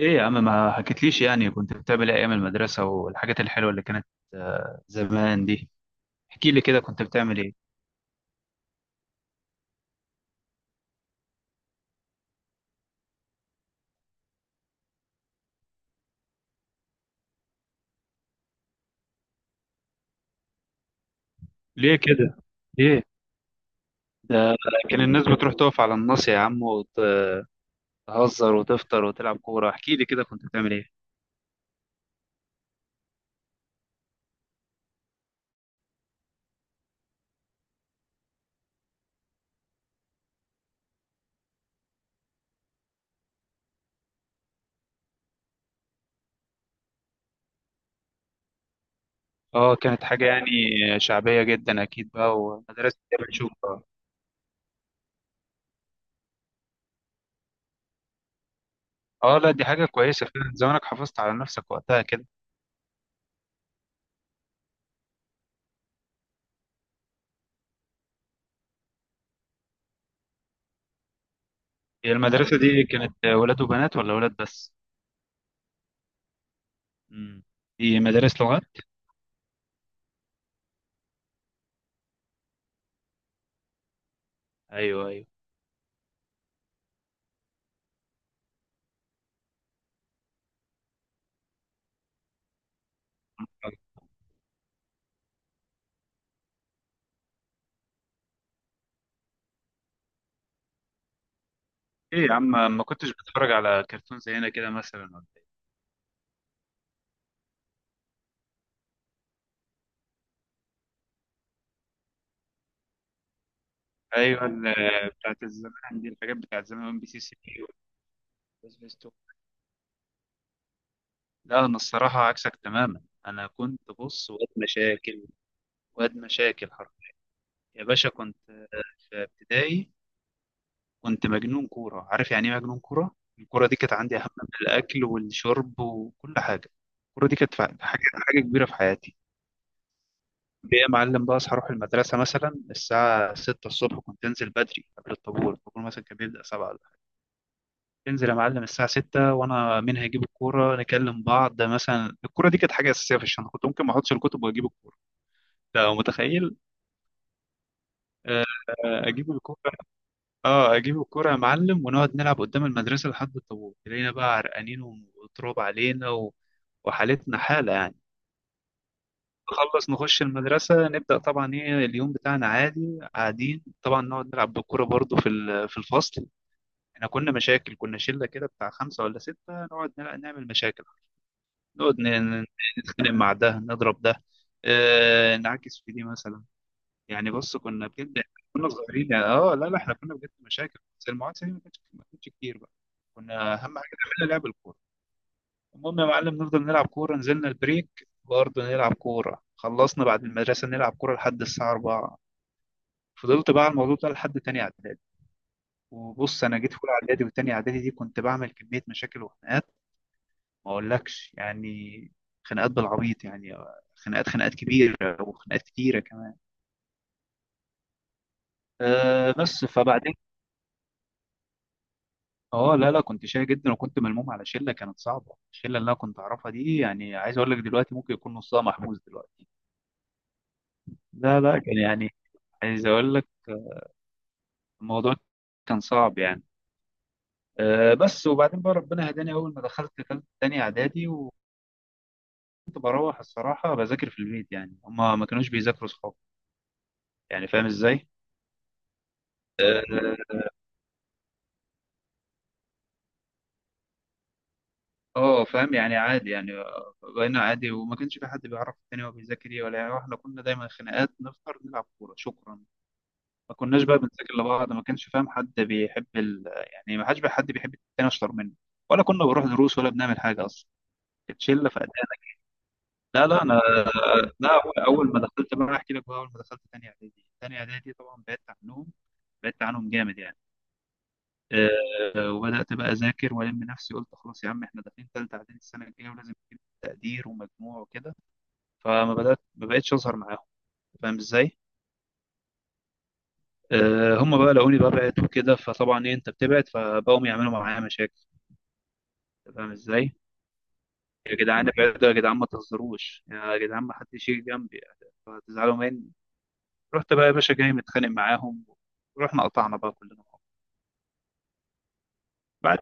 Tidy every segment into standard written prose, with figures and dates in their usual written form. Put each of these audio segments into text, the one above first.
ايه يا عم، ما حكيتليش يعني كنت بتعمل ايه ايام المدرسة والحاجات الحلوة اللي كانت. زمان دي. احكي لي كده كنت بتعمل ايه؟ ليه كده؟ ليه؟ ده كان الناس بتروح تقف على الناصية يا عم، وتهزر وتفطر وتلعب كورة. احكي لي كده كنت بتعمل ايه؟ اه كانت حاجة يعني شعبية جدا اكيد بقى، ومدرسة دي بنشوفها. اه لا دي حاجة كويسة فعلا، زمانك حافظت على نفسك وقتها كده. هي المدرسة دي كانت ولاد وبنات ولا ولاد بس؟ امم، دي مدارس لغات؟ ايوه ايوه. ايه يا عم، ما كنتش بتفرج على كرتون زي هنا كده مثلا ولا ايه؟ ايوه، بتاعت الزمان دي، الحاجات بتاعت زمان ام بي سي سي بي وسبيستون. لا انا الصراحه عكسك تماما، انا كنت بص واد مشاكل. واد مشاكل حرفيا. يا باشا، كنت في ابتدائي كنت مجنون كوره. عارف يعني ايه مجنون كوره؟ الكوره دي كانت عندي اهم من الاكل والشرب وكل حاجه. الكوره دي كانت حاجه كبيره في حياتي. بقى يا معلم، بقى اصحى اروح المدرسه مثلا الساعه 6 الصبح، كنت انزل بدري قبل الطابور. الطابور مثلا كان بيبدا 7. انزل يا معلم الساعة 6 وانا منها اجيب الكورة نكلم بعض. ده مثلا الكورة دي كانت حاجة أساسية في الشنطة، كنت ممكن ما احطش الكتب واجيب الكورة. ده متخيل؟ آه، آه، اجيب الكورة. اه اجيب الكورة يا معلم، ونقعد نلعب قدام المدرسة لحد الطابور. تلاقينا بقى عرقانين وتراب علينا وحالتنا حالة يعني. نخلص نخش المدرسة نبدأ طبعا، ايه، اليوم بتاعنا عادي. قاعدين طبعا نقعد نلعب بالكورة برضو في في الفصل. احنا كنا مشاكل، كنا شلة كده بتاع خمسة ولا ستة، نقعد نعمل مشاكل. نقعد ن- نتخانق مع ده، نضرب ده، نعكس في دي مثلا. يعني بص كنا بجد كنا صغيرين يعني، اه لا لا احنا كنا بجد مشاكل، بس المعاكسه دي ما كانتش كتير بقى. كنا اهم حاجه نعملها لعب الكوره. المهم يا معلم نفضل نلعب كوره، نزلنا البريك برضه نلعب كوره، خلصنا بعد المدرسه نلعب كوره لحد الساعه 4. فضلت بقى على الموضوع ده لحد تاني اعدادي. وبص انا جيت في اولى اعدادي وتاني اعدادي دي، كنت بعمل كميه مشاكل وخناقات ما اقولكش يعني. خناقات بالعبيط يعني، خناقات كبيره، وخناقات كتيره كمان. أه بس فبعدين. اه لا لا كنت شاي جدا، وكنت ملموم على شله كانت صعبه. الشله اللي انا كنت اعرفها دي، يعني عايز اقول لك دلوقتي ممكن يكون نصها محبوس دلوقتي. لا لا كان يعني، عايز اقول لك الموضوع كان صعب يعني. أه بس وبعدين بقى ربنا هداني اول ما دخلت تاني اعدادي، وكنت بروح الصراحه بذاكر في البيت، يعني هما ما كانوش بيذاكروا صحابي. يعني فاهم ازاي؟ آه، اه فاهم يعني، عادي يعني. بقينا عادي، وما كانش في حد بيعرف التاني هو بيذاكر ايه ولا يعني. احنا كنا دايما خناقات، نفطر، نلعب كوره، شكرا. ما كناش بقى بنذاكر لبعض، ما كانش فاهم حد بيحب يعني ما حدش بقى، حد بيحب التاني اشطر منه ولا كنا بنروح دروس ولا بنعمل حاجه اصلا. كانت شله فقدانك. لا لا انا، لا، اول ما دخلت بقى احكي لك، بقى اول ما دخلت تاني اعدادي، تاني اعدادي طبعا بعدت عنهم، بعدت عنهم جامد يعني. وبدأت بقى أذاكر وألم نفسي، قلت خلاص يا عم إحنا داخلين تالتة إعدادي السنة الجاية ولازم نجيب تقدير ومجموع وكده. فما بدأت، ما بقتش أظهر معاهم. فاهم إزاي؟ هم بقى لقوني ببعد وكده، فطبعا إيه، أنت بتبعد، فبقوا يعملوا معايا مشاكل. أنت فاهم إزاي؟ يا جدعان ابعدوا، يا جدعان ما تهزروش، يا جدعان ما حدش يجي جنبي فهتزعلوا مني. رحت بقى يا باشا جاي متخانق معاهم، ورحنا قطعنا بقى كلنا مع بعض.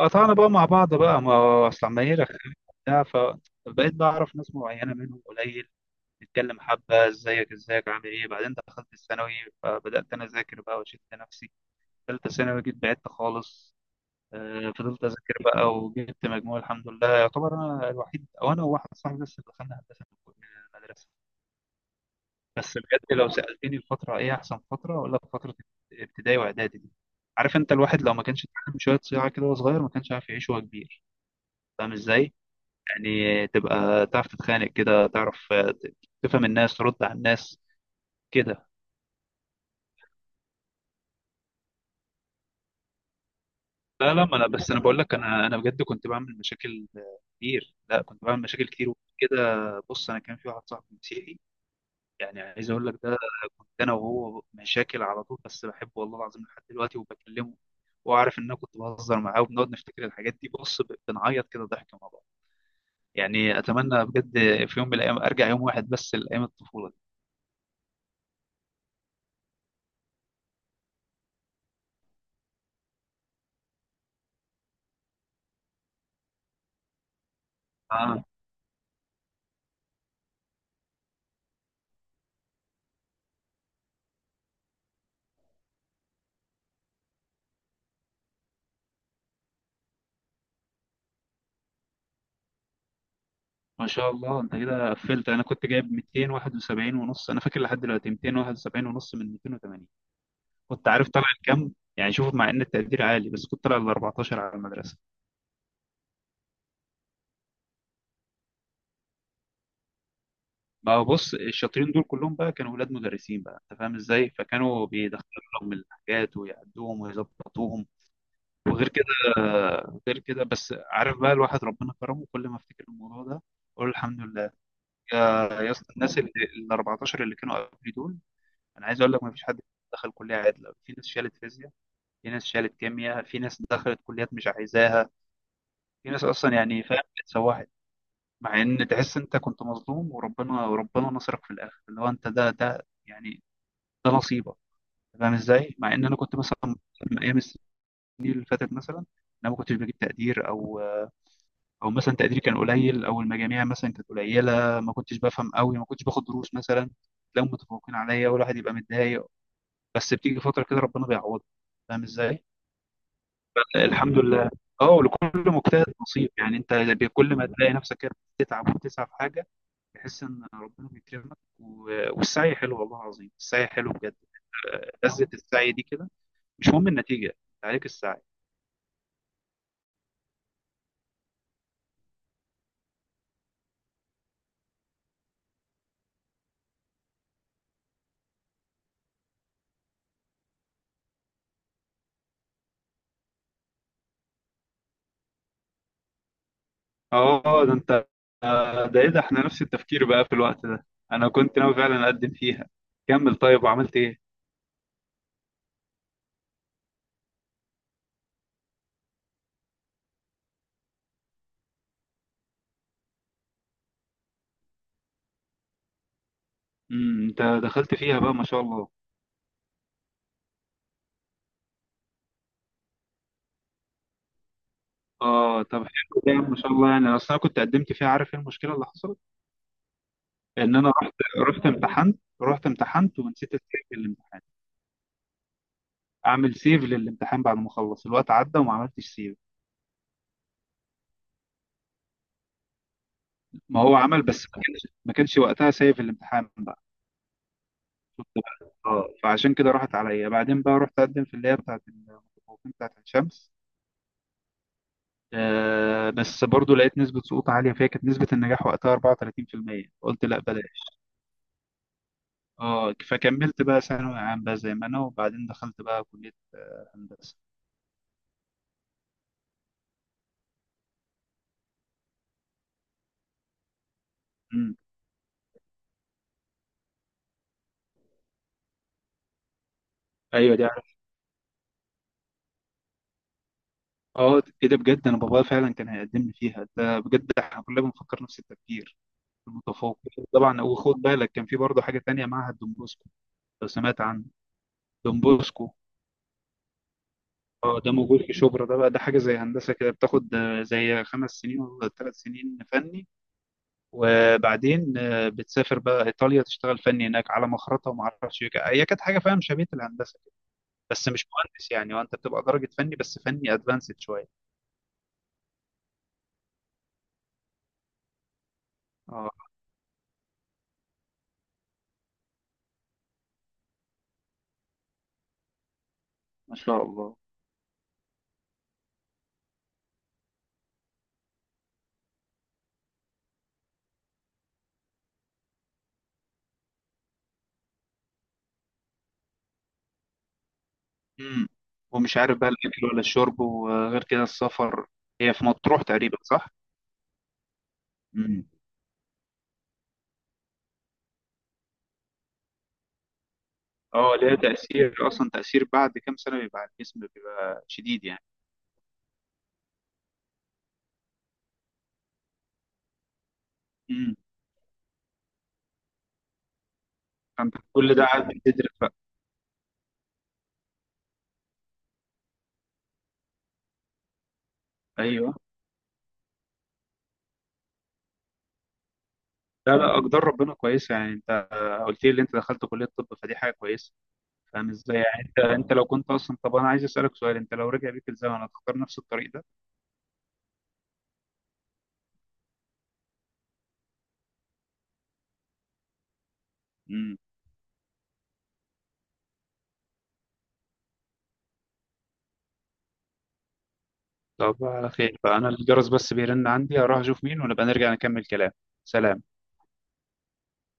قطعنا بقى مع بعض بقى، ما هو اصل عمالين رخامين وبتاع. فبقيت بعرف ناس معينه منهم قليل، نتكلم حبه ازيك، ازيك، عامل ايه. بعدين دخلت الثانوي فبدات انا اذاكر بقى وشدت نفسي. ثالثه ثانوي جيت بعدت خالص. فضلت اذاكر بقى وجبت مجموع الحمد لله، يعتبر انا الوحيد او انا وواحد صاحبي بس اللي دخلنا هندسه من المدرسه. بس بجد لو سالتني الفتره، ايه احسن فتره، اقول لك فتره ابتدائي واعدادي دي. عارف انت، الواحد لو ما كانش اتعلم شويه صياعه كده وهو صغير، ما كانش عارف يعيش وهو كبير. فاهم ازاي؟ يعني تبقى تعرف تتخانق كده، تعرف تفهم الناس، ترد على الناس كده. لا لا ما انا بس انا بقول لك، انا بجد كنت بعمل مشاكل كتير. لا كنت بعمل مشاكل كتير وكده. بص انا كان في واحد صاحبي مسيحي، يعني عايز اقول لك ده، كنت انا وهو مشاكل على طول. بس بحبه والله العظيم لحد دلوقتي وبكلمه، وعارف ان انا كنت بهزر معاه، وبنقعد نفتكر الحاجات دي بص، بنعيط كده ضحك مع بعض. يعني اتمنى بجد في يوم من الايام ارجع يوم واحد بس لايام الطفوله دي. ما شاء الله انت كده قفلت. انا كنت جايب 271 ونص، انا فاكر لحد دلوقتي، 271 ونص من 280. كنت عارف طالع لكام يعني؟ شوف، مع ان التقدير عالي بس كنت طالع ل 14 على المدرسه. ما هو بص، الشاطرين دول كلهم بقى كانوا ولاد مدرسين بقى، انت فاهم ازاي، فكانوا بيدخلوا لهم الحاجات ويعدوهم ويظبطوهم. وغير كده، غير كده، بس عارف بقى الواحد ربنا كرمه، كل ما افتكر الموضوع ده اقول الحمد لله. يا يا اسطى، الناس اللي ال 14 اللي كانوا قبلي دول، انا عايز اقول لك ما فيش حد دخل كليه عدله. في ناس شالت فيزياء، في ناس شالت كيمياء، في ناس دخلت كليات مش عايزاها، في ناس اصلا يعني فاهم اتسوحت. مع ان تحس انت كنت مظلوم، وربنا نصرك في الاخر، اللي هو انت ده، ده يعني ده نصيبك. فاهم ازاي؟ مع ان انا كنت مثلا من ايام السنين اللي فاتت مثلا، انا ما كنتش بجيب تقدير او او مثلا تقديري كان قليل، او المجاميع مثلا كانت قليله، ما كنتش بفهم قوي، ما كنتش باخد دروس مثلا، تلاقيهم متفوقين عليا والواحد يبقى متضايق. بس بتيجي فتره كده ربنا بيعوضك. فاهم ازاي؟ الحمد لله. اه، ولكل مجتهد نصيب يعني. انت كل ما تلاقي نفسك كده بتتعب وبتسعى في حاجه، تحس ان ربنا بيكرمك والسعي حلو، والله العظيم السعي حلو بجد. لذة السعي دي كده، مش مهم النتيجه، انت عليك السعي. اه ده انت. ده ايه ده، احنا نفس التفكير بقى في الوقت ده. انا كنت ناوي فعلا اقدم فيها. كمل طيب، وعملت ايه؟ امم، انت دخلت فيها بقى ما شاء الله. اه طب حلو ده ما شاء الله. يعني اصل انا كنت قدمت فيها. عارف ايه المشكله اللي حصلت؟ ان انا رحت، رحت امتحنت، رحت امتحنت، ونسيت السيف للامتحان. اعمل سيف للامتحان بعد ما اخلص، الوقت عدى وما عملتش سيف. ما هو عمل، بس ما كانش وقتها سيف الامتحان بقى. شفت بقى؟ اه، فعشان كده راحت عليا. بعدين بقى رحت اقدم في اللي هي بتاعت المتفوقين بتاعت الشمس. آه بس برضو لقيت نسبة سقوط عالية فيها، كانت نسبة النجاح وقتها 34%. قلت لا بلاش. اه، فكملت بقى ثانوي عام بقى زي ما انا، وبعدين دخلت بقى كلية هندسة. امم، ايوه دي عارف. اه ايه ده بجد، انا بابايا فعلا كان هيقدم لي فيها، ده بجد احنا كلنا بنفكر نفس التفكير. المتفوق طبعا. وخد بالك كان في برضه حاجة تانية، معهد دون بوسكو، لو سمعت عنه. دون بوسكو. اه ده موجود في شبرا. ده بقى ده حاجة زي هندسة كده، بتاخد زي خمس سنين ولا ثلاث سنين فني، وبعدين بتسافر بقى ايطاليا تشتغل فني هناك على مخرطة وما اعرفش إيه. هي كانت حاجة فاهم شبيهة الهندسة، بس مش مهندس يعني. وانت بتبقى درجة فني، بس فني ادفانسد شوية. اه ما شاء الله. امم، ومش عارف بقى الاكل ولا الشرب، وغير كده السفر. هي في مطروح تقريبا صح؟ امم. اه ليها تأثير، اصلا تأثير بعد كام سنة بيبقى على الجسم بيبقى شديد يعني. امم، فانت كل ده قاعد بتدرس بقى؟ ايوه. لا لا اقدار ربنا كويسه يعني. انت قلت لي ان انت دخلت كليه الطب، فدي حاجه كويسه. فاهم ازاي؟ يعني انت، انت لو كنت اصلا طب، انا عايز اسالك سؤال، انت لو رجع بيك الزمن هتختار نفس الطريق ده؟ مم. طب على خير، فأنا الجرس بس بيرن عندي، هروح أشوف مين، ونبقى نرجع نكمل كلام. سلام.